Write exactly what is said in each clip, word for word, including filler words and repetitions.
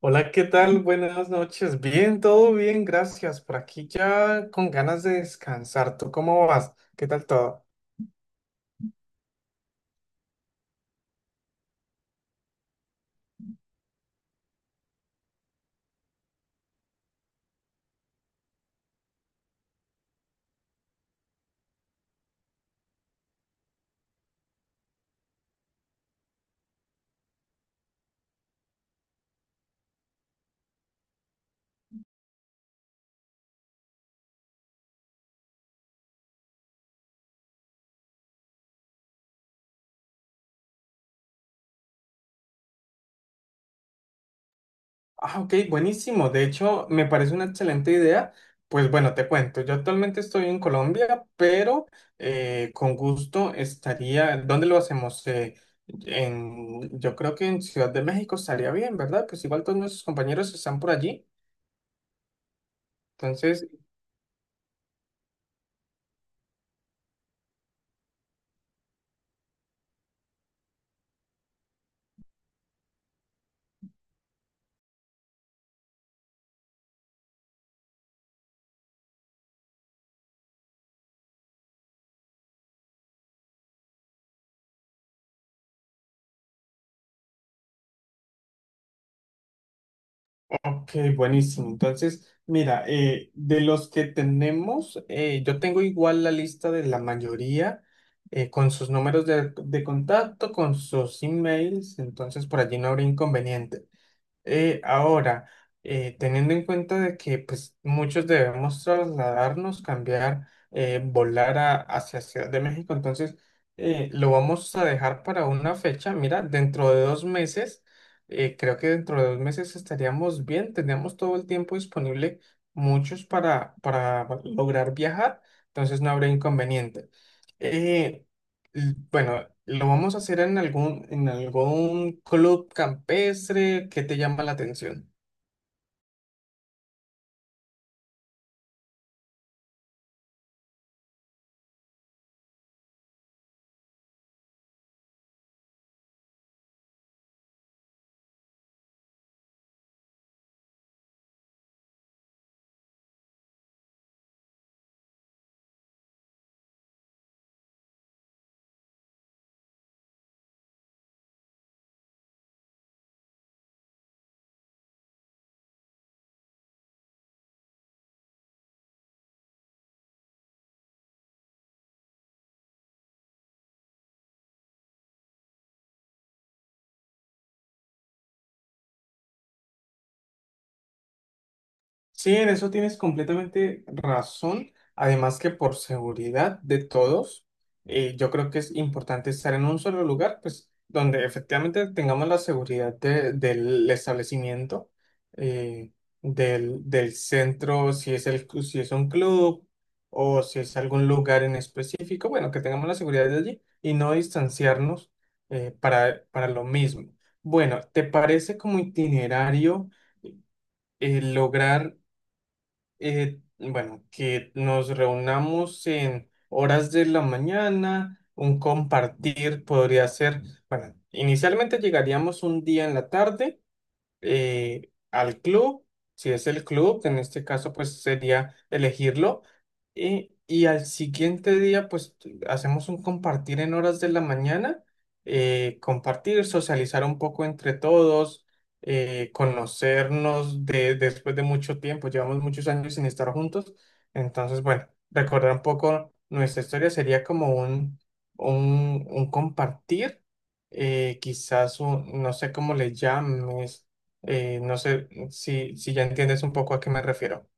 Hola, ¿qué tal? Buenas noches. Bien, todo bien, gracias. Por aquí ya con ganas de descansar. ¿Tú cómo vas? ¿Qué tal todo? Ah, ok, buenísimo. De hecho, me parece una excelente idea. Pues bueno, te cuento, yo actualmente estoy en Colombia, pero eh, con gusto estaría, ¿dónde lo hacemos? Eh, en, yo creo que en Ciudad de México estaría bien, ¿verdad? Pues igual todos nuestros compañeros están por allí. Entonces, Ok, buenísimo. Entonces, mira, eh, de los que tenemos, eh, yo tengo igual la lista de la mayoría eh, con sus números de, de contacto, con sus emails, entonces por allí no habrá inconveniente. Eh, ahora, eh, teniendo en cuenta de que pues, muchos debemos trasladarnos, cambiar, eh, volar a- hacia Ciudad de México, entonces eh, lo vamos a dejar para una fecha. Mira, dentro de dos meses, eh, creo que dentro de dos meses estaríamos bien, tenemos todo el tiempo disponible, muchos para, para lograr viajar, entonces no habrá inconveniente. Eh, L- Bueno, lo vamos a hacer en algún, en algún club campestre. ¿Qué te llama la atención? Sí, en eso tienes completamente razón. Además que por seguridad de todos, eh, yo creo que es importante estar en un solo lugar, pues donde efectivamente tengamos la seguridad de- del establecimiento, eh, del, del centro, si es el, clu- si es un club o si es algún lugar en específico, bueno, que tengamos la seguridad de allí y no distanciarnos eh, para, para lo mismo. Bueno, ¿te parece como itinerario? Eh, lograr eh, bueno, que nos reunamos en horas de la mañana, un compartir podría ser, bueno, inicialmente llegaríamos un día en la tarde eh, al club, si es el club, que en este caso pues sería elegirlo, y, y al siguiente día pues t- hacemos un compartir en horas de la mañana, eh, compartir, socializar un poco entre todos, eh, conocernos de, después de mucho tiempo, llevamos muchos años sin estar juntos, entonces bueno, recordar un poco nuestra historia sería como un, un, un compartir. Eh, quizás un, no sé cómo le llames, eh, no sé si, si ya entiendes un poco a qué me refiero.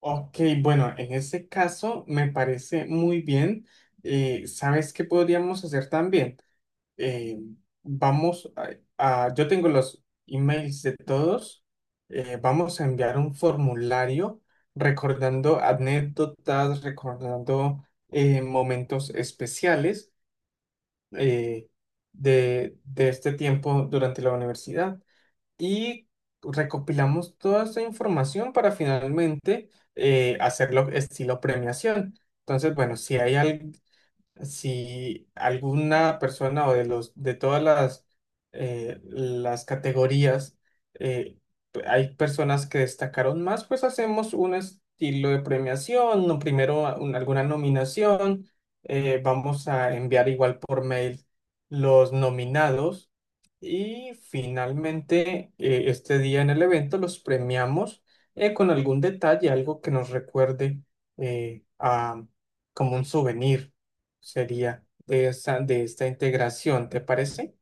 Ok, bueno, en ese caso me parece muy bien. Eh, ¿sabes qué podríamos hacer también? Eh, Vamos a, a- yo tengo los emails de todos. Eh, vamos a enviar un formulario recordando anécdotas, recordando eh, momentos especiales eh, de, de este tiempo durante la universidad y recopilamos toda esta información para finalmente eh, hacerlo estilo premiación. Entonces, bueno, si hay al- si alguna persona o de los de todas las eh, las categorías, eh, p- hay personas que destacaron más, pues hacemos un estilo de premiación, no primero a- un- alguna nominación, eh, vamos a enviar igual por mail los nominados y finalmente eh, este día en el evento los premiamos eh, con algún detalle, algo que nos recuerde eh, a como un souvenir sería de esta, de esta integración, ¿te parece?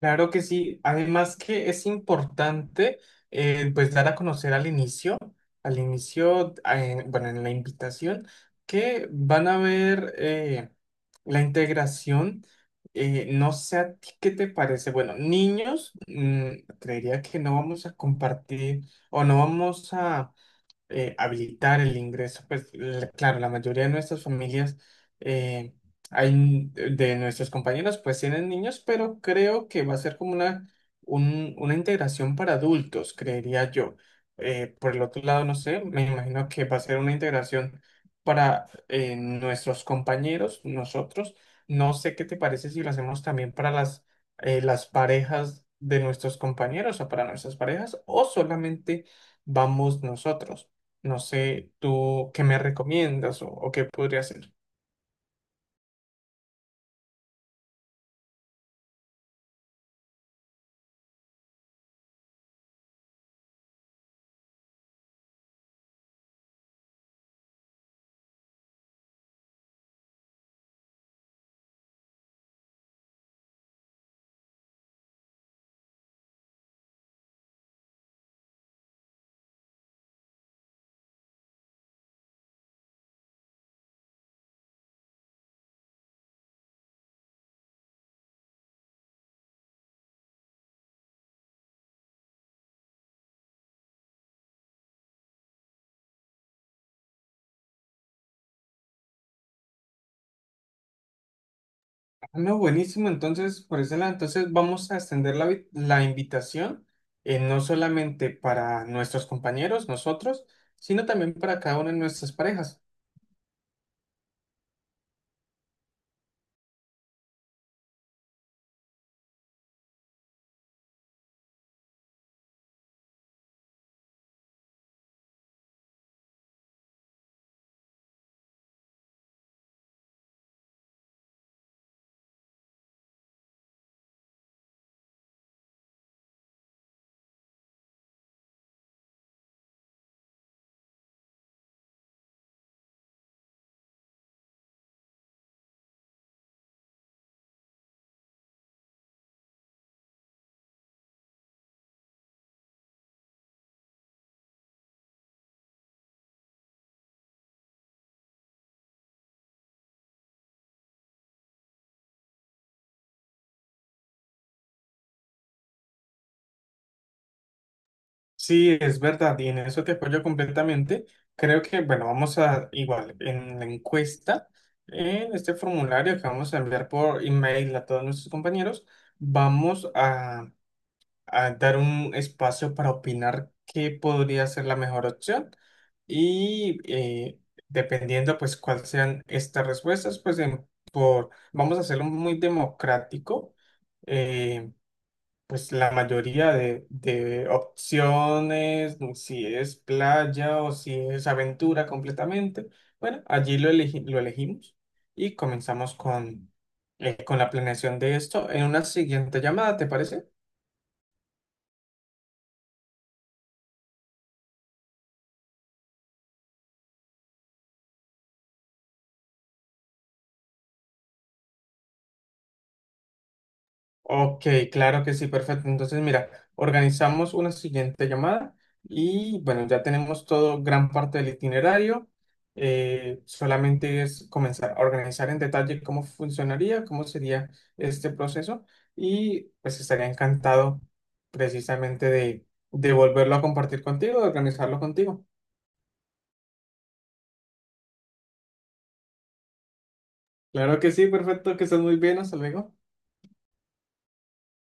Claro que sí. Además que es importante, eh, pues dar a conocer al inicio, al inicio, eh, bueno, en la invitación, que van a ver eh, la integración. Eh, no sé a ti qué te parece. Bueno, niños, mm, creería que no vamos a compartir o no vamos a eh, habilitar el ingreso. Pues l- claro, la mayoría de nuestras familias, eh, hay, n- de nuestros compañeros, pues tienen niños, pero creo que va a ser como una, un- una integración para adultos, creería yo. Eh, por el otro lado, no sé, me imagino que va a ser una integración para eh, nuestros compañeros, nosotros. No sé qué te parece si lo hacemos también para las, eh, las parejas de nuestros compañeros o para nuestras parejas o solamente vamos nosotros. No sé, tú qué me recomiendas o, o qué podría hacer. Ah, no, buenísimo. Entonces, por ese lado, entonces vamos a extender la, vi- la invitación, eh, no solamente para nuestros compañeros, nosotros, sino también para cada una de nuestras parejas. Sí, es verdad, y en eso te apoyo completamente. Creo que, bueno, vamos a, igual, en la encuesta, en este formulario que vamos a enviar por email a todos nuestros compañeros, vamos a a dar un espacio para opinar qué podría ser la mejor opción y eh, dependiendo pues cuáles sean estas respuestas, pues en- por, vamos a hacerlo muy democrático, eh, pues la mayoría de, de opciones, si es playa o si es aventura completamente, bueno, allí lo, elegi- lo elegimos y comenzamos con, eh, con la planeación de esto en una siguiente llamada, ¿te parece? Ok, claro que sí, perfecto. Entonces, mira, organizamos una siguiente llamada y bueno, ya tenemos todo, gran parte del itinerario. Eh, solamente es comenzar a organizar en detalle cómo funcionaría, cómo sería este proceso y pues estaría encantado precisamente de, de volverlo a compartir contigo, de organizarlo contigo. Claro que sí, perfecto, que estés muy bien, hasta luego.